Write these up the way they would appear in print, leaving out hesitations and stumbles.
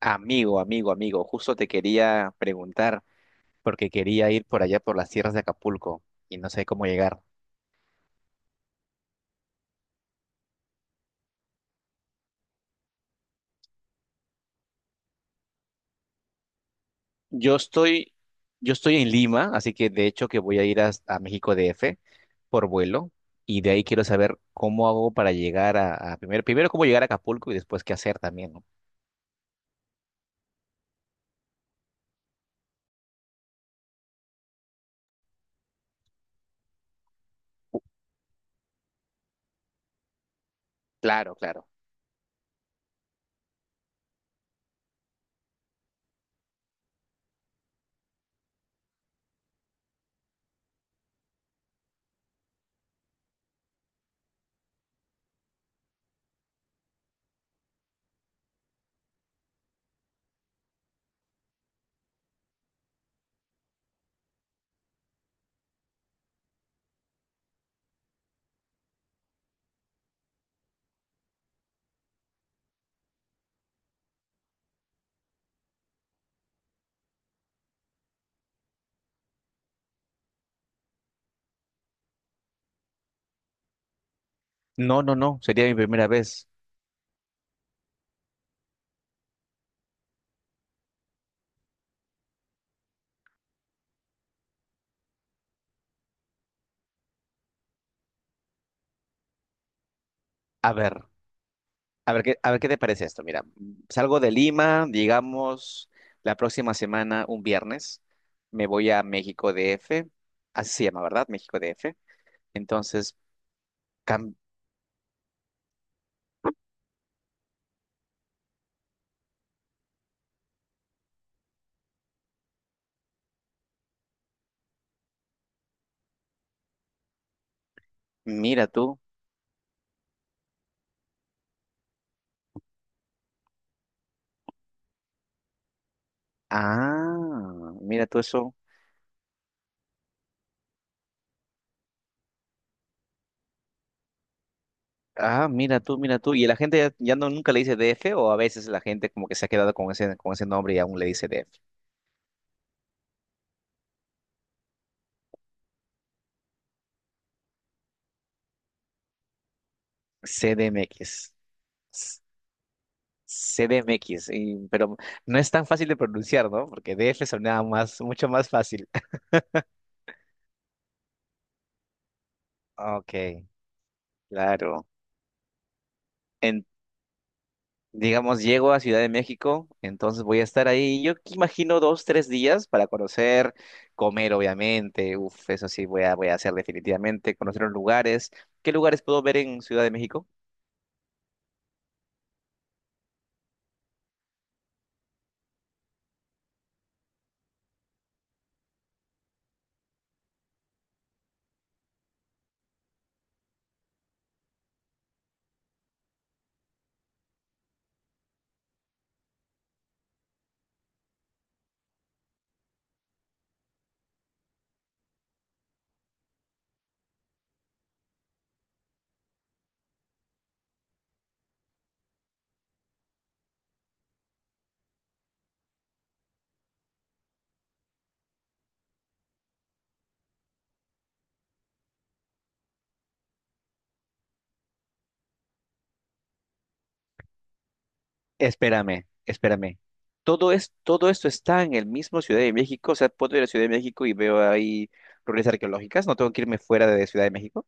Amigo, justo te quería preguntar porque quería ir por allá por las tierras de Acapulco y no sé cómo llegar. Yo estoy, yo estoy en Lima, así que de hecho que voy a ir a México DF por vuelo y de ahí quiero saber cómo hago para llegar a, a primero cómo llegar a Acapulco y después qué hacer también, ¿no? Claro, claro. No, sería mi primera vez. A ver. A ver qué te parece esto. Mira, salgo de Lima, digamos, la próxima semana, un viernes, me voy a México DF, así se llama, ¿verdad? México DF. Entonces, cam- Mira tú. Ah, mira tú eso. Ah, mira tú. Y la gente ya, ya no nunca le dice DF, o a veces la gente como que se ha quedado con ese nombre y aún le dice DF. CDMX. s- CDMX, pero no es tan fácil de pronunciar, ¿no? Porque DF sonaba más, mucho más fácil. Ok, claro. En, digamos, llego a Ciudad de México, entonces voy a estar ahí. Yo que imagino dos, tres días para conocer, comer, obviamente. Uf, eso sí, voy a hacer definitivamente, conocer los lugares. ¿Qué lugares puedo ver en Ciudad de México? Espérame. Todo esto está en el mismo Ciudad de México. O sea, puedo ir a Ciudad de México y veo ahí ruinas arqueológicas. No tengo que irme fuera de Ciudad de México.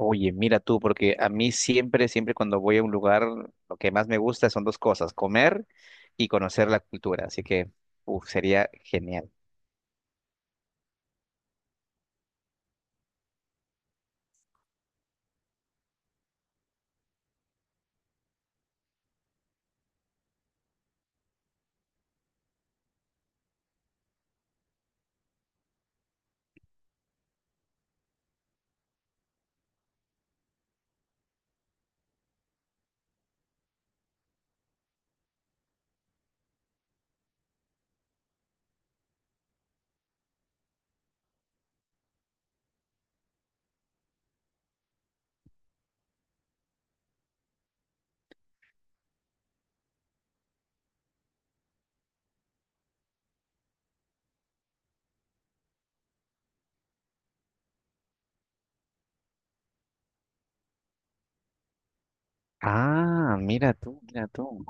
Oye, mira tú, porque a mí siempre cuando voy a un lugar, lo que más me gusta son dos cosas, comer y conocer la cultura. Así que, uf, sería genial. Ah, mira tú.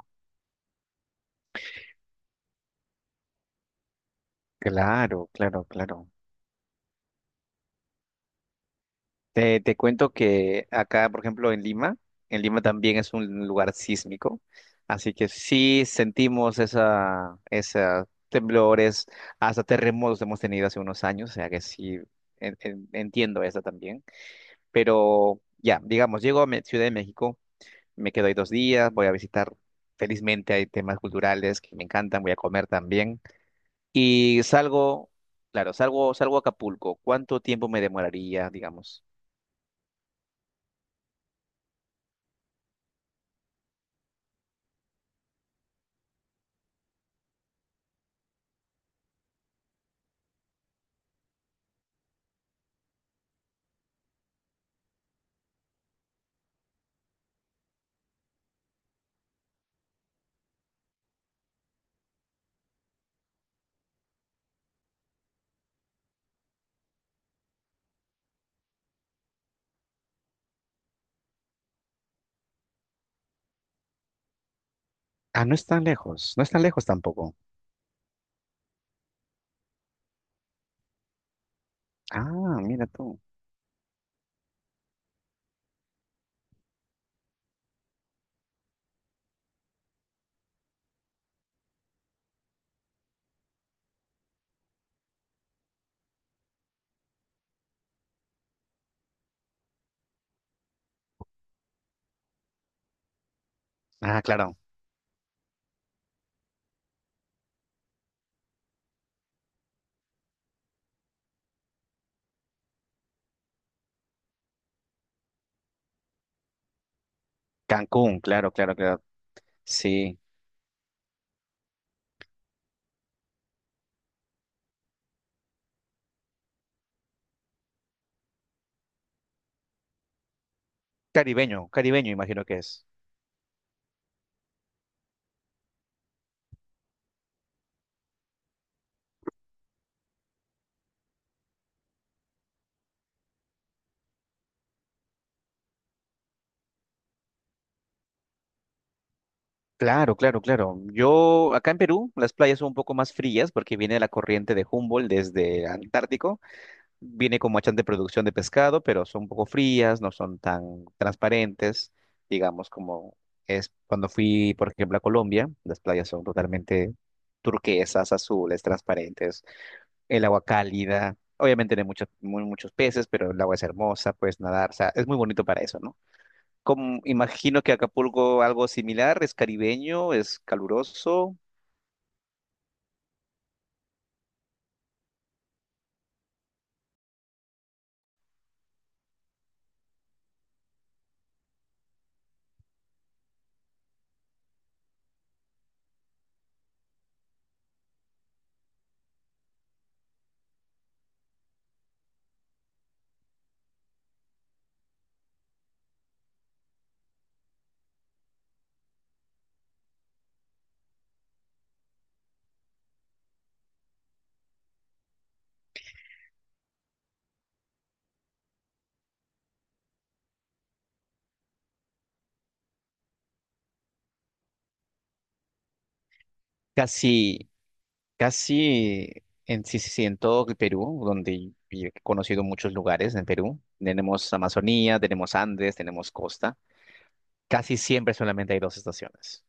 Claro, claro, claro. Te cuento que acá, por ejemplo, en Lima también es un lugar sísmico, así que sí sentimos esa temblores, hasta terremotos hemos tenido hace unos años, o sea que sí entiendo eso también. Pero ya, digamos, llego a Ciudad de México, me quedo ahí dos días, voy a visitar, felizmente hay temas culturales que me encantan, voy a comer también. Y salgo, claro, salgo a Acapulco. ¿Cuánto tiempo me demoraría, digamos? Ah, no es tan lejos tampoco. Ah, mira tú. Ah, claro. Cancún, claro, claro, claro. Sí. Caribeño, caribeño, imagino que es. Claro, claro, claro. Yo, acá en Perú, las playas son un poco más frías porque viene la corriente de Humboldt desde Antártico. Viene con machan de producción de pescado, pero son un poco frías, no son tan transparentes, digamos, como es cuando fui, por ejemplo, a Colombia. Las playas son totalmente turquesas, azules, transparentes, el agua cálida. Obviamente tiene muchos, muy, muchos peces, pero el agua es hermosa, puedes nadar, o sea, es muy bonito para eso, ¿no? Como, imagino que Acapulco algo similar, es caribeño, es caluroso, casi. Casi sí, sí, sí, en todo el Perú, donde yo he conocido muchos lugares en Perú, tenemos Amazonía, tenemos Andes, tenemos costa, casi siempre solamente hay dos estaciones.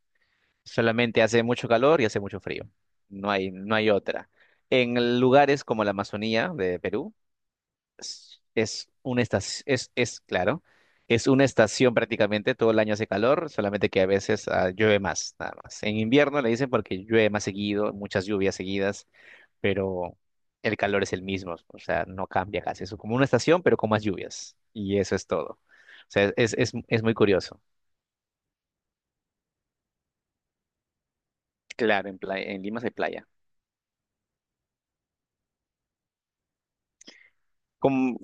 Solamente hace mucho calor y hace mucho frío. No hay otra. En lugares como la Amazonía de Perú, es una estación, es claro, es una estación prácticamente, todo el año hace calor, solamente que a veces ah, llueve más, nada más. En invierno le dicen porque llueve más seguido, muchas lluvias seguidas pero el calor es el mismo, o sea, no cambia casi, es como una estación, pero con más lluvias, y eso es todo. O sea, es muy curioso. Claro, en playa, en Lima sí hay playa. Como-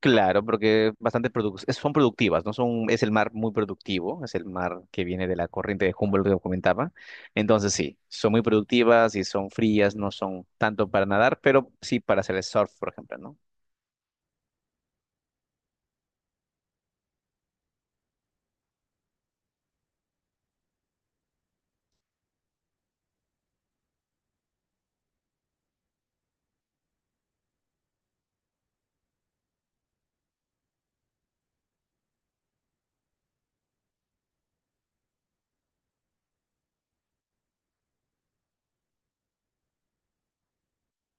claro, porque bastante son productivas, ¿no? Son, es el mar muy productivo, es el mar que viene de la corriente de Humboldt que comentaba. Entonces sí, son muy productivas y son frías, no son tanto para nadar, pero sí para hacer el surf, por ejemplo, ¿no?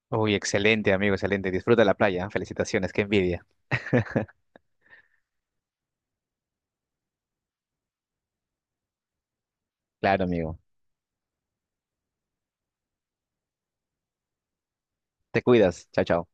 Uy, excelente, amigo, excelente. Disfruta la playa, ¿eh? Felicitaciones, qué envidia. Claro, amigo. Te cuidas. Chao, chao.